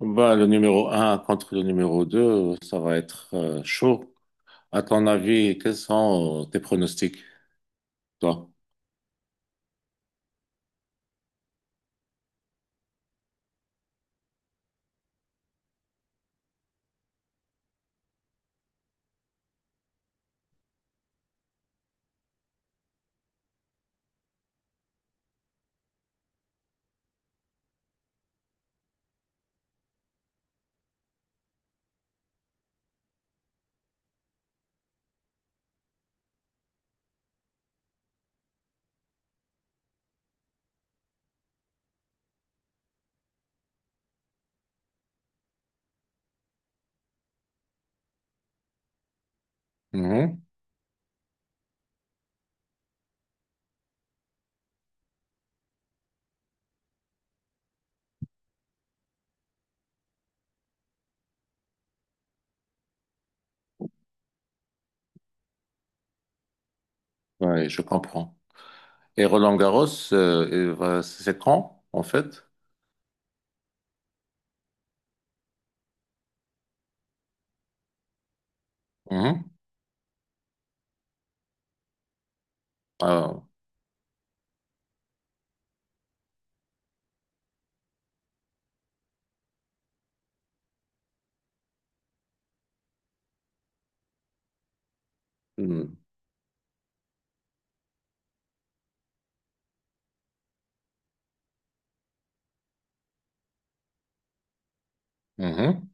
Bah, le numéro un contre le numéro 2, ça va être chaud. À ton avis, quels sont tes pronostics, toi? Mhm. Ouais, je comprends. Et Roland Garros, c'est quand, en fait? Mhm. Ah, mhm. Mhm.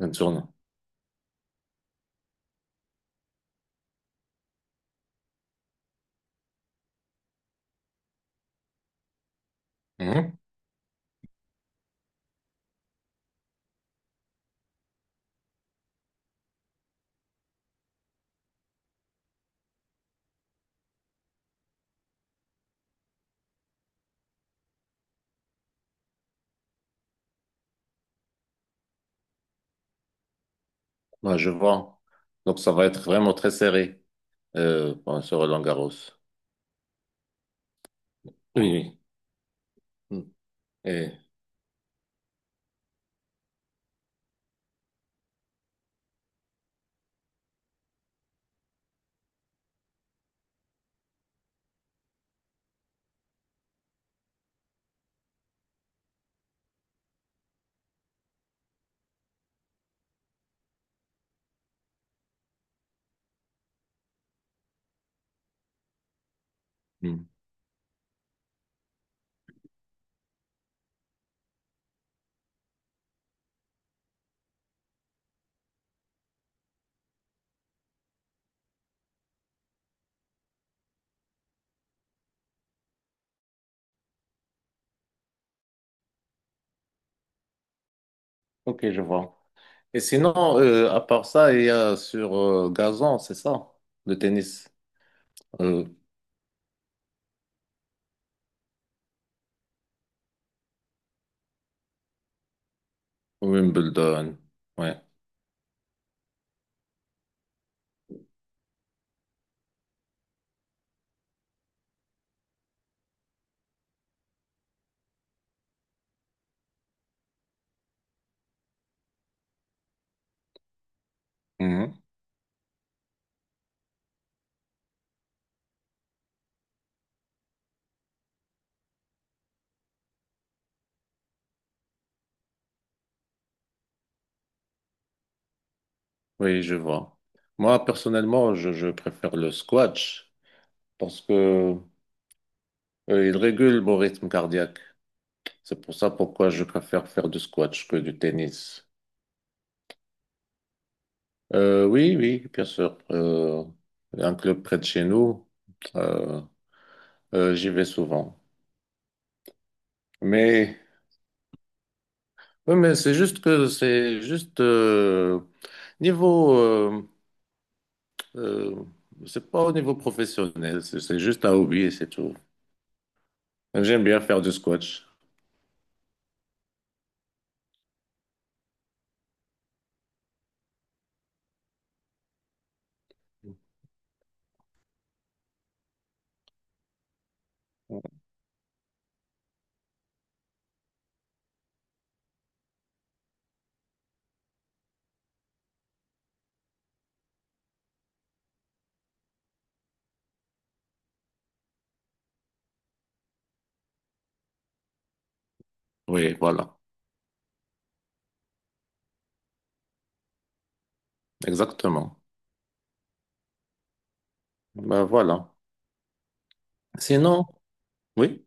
Une journée. Mhm. Ouais, je vois. Donc, ça va être vraiment très serré bon, sur Roland Garros. Oui. Oui. Mm. Et- Mm. Ok, je vois. Et sinon, à part ça, il y a sur gazon, c'est ça, le tennis. Euh, Wimbledon, ouais. Mhm. Oui, je vois. Moi, personnellement, je préfère le squash parce que il régule mon rythme cardiaque. C'est pour ça pourquoi je préfère faire du squash que du tennis. Oui, oui, bien sûr. Il y a un club près de chez nous, euh, j'y vais souvent. Mais, oui, mais c'est juste que c'est juste niveau, euh, c'est pas au niveau professionnel, c'est juste un hobby et c'est tout. J'aime bien faire du squash. Oui, voilà, exactement. Ben voilà. Sinon, oui,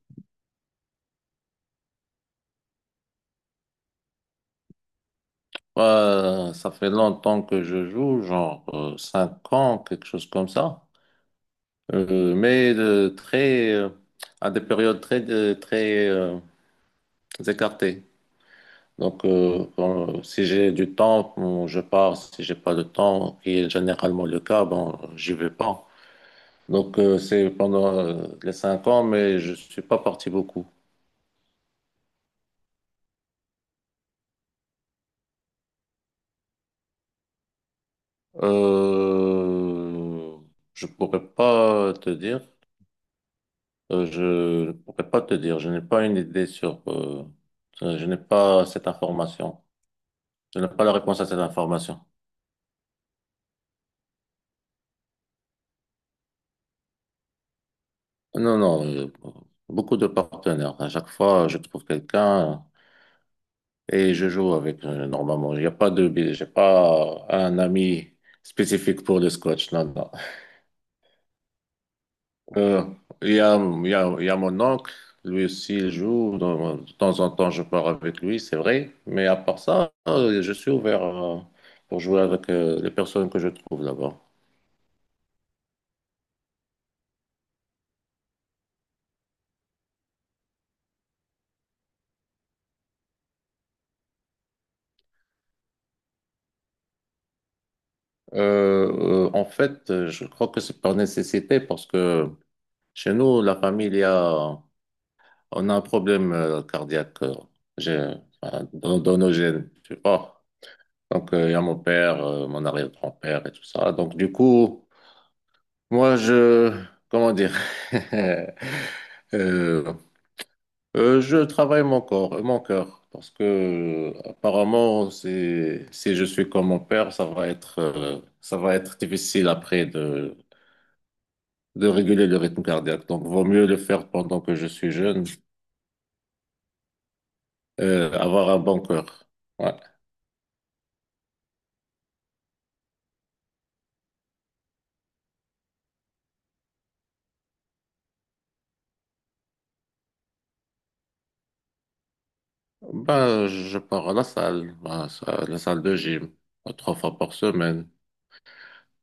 ça fait longtemps que je joue, genre 5 ans, quelque chose comme ça. Mais de très, à des périodes très écartées. Donc, si j'ai du temps, bon, je pars. Si j'ai pas de temps, qui est généralement le cas, bon, j'y vais pas. Donc, c'est pendant les 5 ans, mais je suis pas parti beaucoup. Euh, je pourrais pas te dire. Je ne pourrais pas te dire. Je n'ai pas une idée sur. Je n'ai pas cette information. Je n'ai pas la réponse à cette information. Non, non. Beaucoup de partenaires. À chaque fois, je trouve quelqu'un et je joue avec normalement. Il n'y a pas de. J'ai pas un ami spécifique pour le squash. Non, non. Euh, il y a mon oncle, lui aussi il joue, de temps en temps je pars avec lui, c'est vrai, mais à part ça, je suis ouvert pour jouer avec les personnes que je trouve là-bas. En fait, je crois que c'est par nécessité parce que chez nous, la famille, il y a, on a un problème cardiaque j'ai- enfin, dans nos gènes, tu vois. Donc, il y a mon père, mon arrière-grand-père et tout ça. Donc, du coup, moi, je, comment dire, Euh, je travaille mon corps, mon cœur, parce que apparemment, c'est, si je suis comme mon père, ça va être difficile après de réguler le rythme cardiaque. Donc, vaut mieux le faire pendant que je suis jeune, avoir un bon cœur. Ouais. Ben, je pars à la salle, la salle de gym, 3 fois par semaine.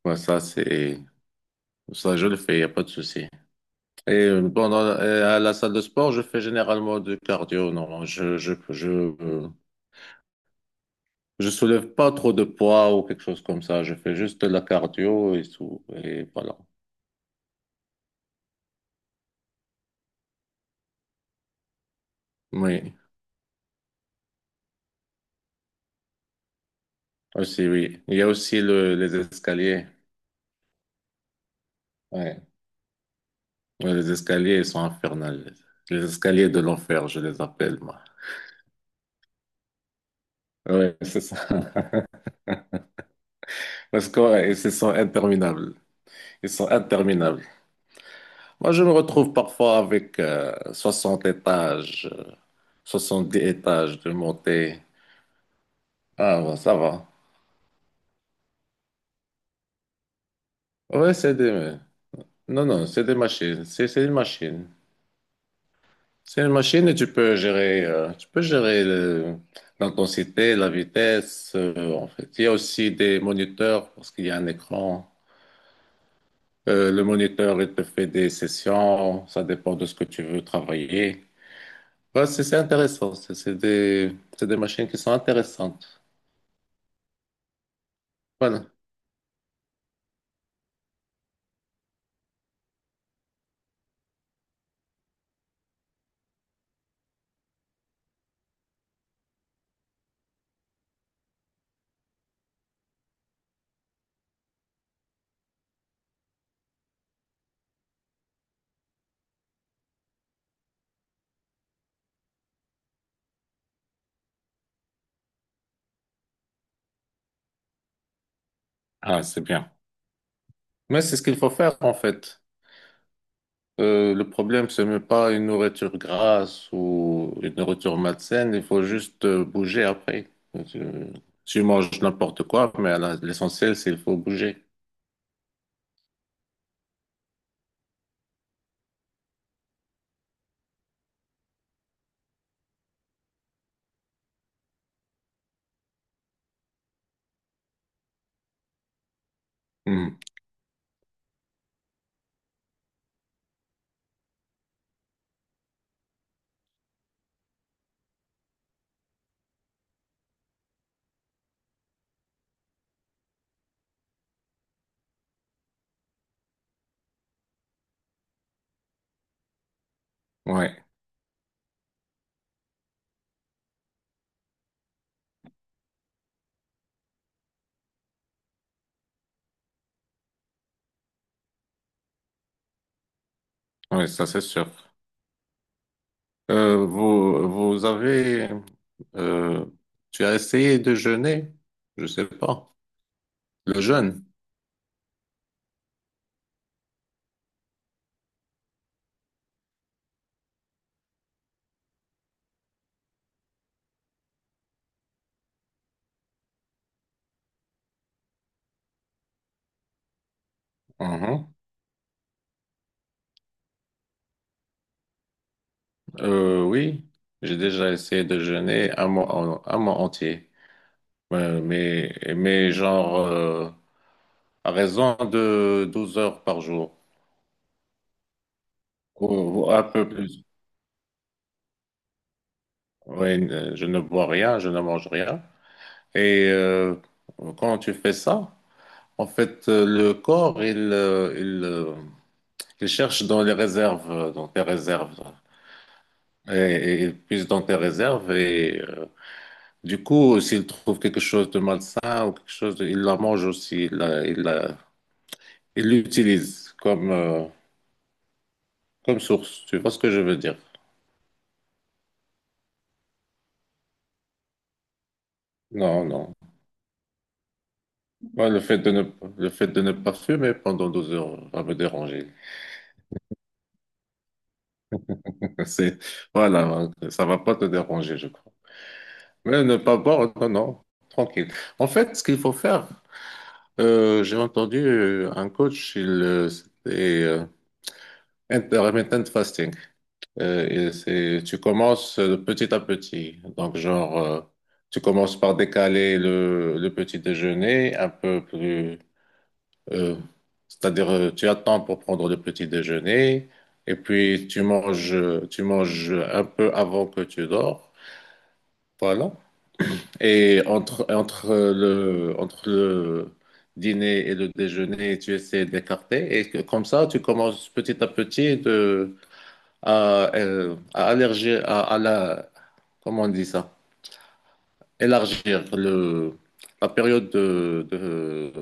Ben, ça, c'est, ça, je le fais, il n'y a pas de souci. Et et à la salle de sport, je fais généralement du cardio. Non, euh, je soulève pas trop de poids ou quelque chose comme ça. Je fais juste de la cardio et tout. Et voilà. Oui, aussi, oui. Il y a aussi les escaliers. Ouais. Ouais, les escaliers, ils sont infernales. Les escaliers de l'enfer, je les appelle, moi. Oui, c'est ça. Parce que, ouais, ils sont interminables. Ils sont interminables. Moi, je me retrouve parfois avec 60 étages. 70 étages de montée. Ah, bon, ça va. Ouais, c'est des... Non, non, c'est des machines. C'est une machine. C'est une machine et tu peux gérer l'intensité, la vitesse. En fait, il y a aussi des moniteurs parce qu'il y a un écran. Le moniteur, il te fait des sessions. Ça dépend de ce que tu veux travailler. Ouais, c'est intéressant. C'est des machines qui sont intéressantes. Voilà. Ah, c'est bien. Mais c'est ce qu'il faut faire, en fait. Le problème, c'est même pas une nourriture grasse ou une nourriture malsaine, il faut juste bouger après. Tu, tu manges n'importe quoi, l'essentiel, c'est qu'il faut bouger. Hmm. Ouais, ouais, ça c'est sûr. Euh, vous, vous avez, euh, Tu as essayé de jeûner? Je sais pas. Le jeûne? Mhm. Oui, j'ai déjà essayé de jeûner un mois, un mois entier. Mais, mais genre à raison de 12 heures par jour, ou un peu plus. Oui, je ne bois rien, je ne mange rien. Et quand tu fais ça, en fait, le corps, il cherche dans les réserves, dans tes réserves, et il puise dans tes réserves. Du coup, s'il trouve quelque chose de malsain ou quelque chose, il la mange aussi, il l'utilise comme, comme source. Tu vois ce que je veux dire? Non, non. Moi, le fait de ne pas fumer pendant 12 heures va me déranger. C'est, voilà, ça va pas te déranger, je crois. Mais ne pas boire, non, non, tranquille. En fait, ce qu'il faut faire, j'ai entendu un coach, c'était intermittent fasting. Et c'est, tu commences petit à petit. Donc, genre, tu commences par décaler le petit déjeuner un peu plus. euh, C'est-à-dire, tu attends pour prendre le petit déjeuner et puis tu manges un peu avant que tu dors. Voilà. Et entre le dîner et le déjeuner, tu essaies d'écarter. Comme ça, tu commences petit à petit à allerger, comment on dit ça? Élargir la période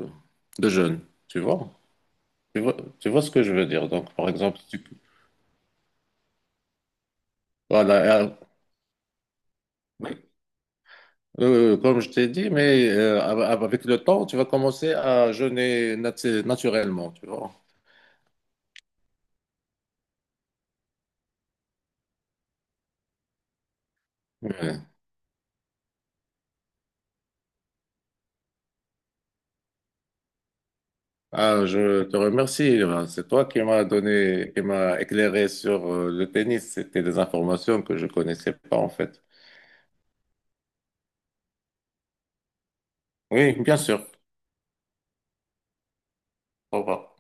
de jeûne, tu vois? Tu vois ce que je veux dire. Donc, par exemple, voilà, comme je t'ai dit, mais avec le temps, tu vas commencer à jeûner naturellement, tu vois? Ouais. Ah, je te remercie. Ben, c'est toi qui m'as donné, qui m'a éclairé sur le tennis. C'était des informations que je connaissais pas, en fait. Oui, bien sûr. Au revoir.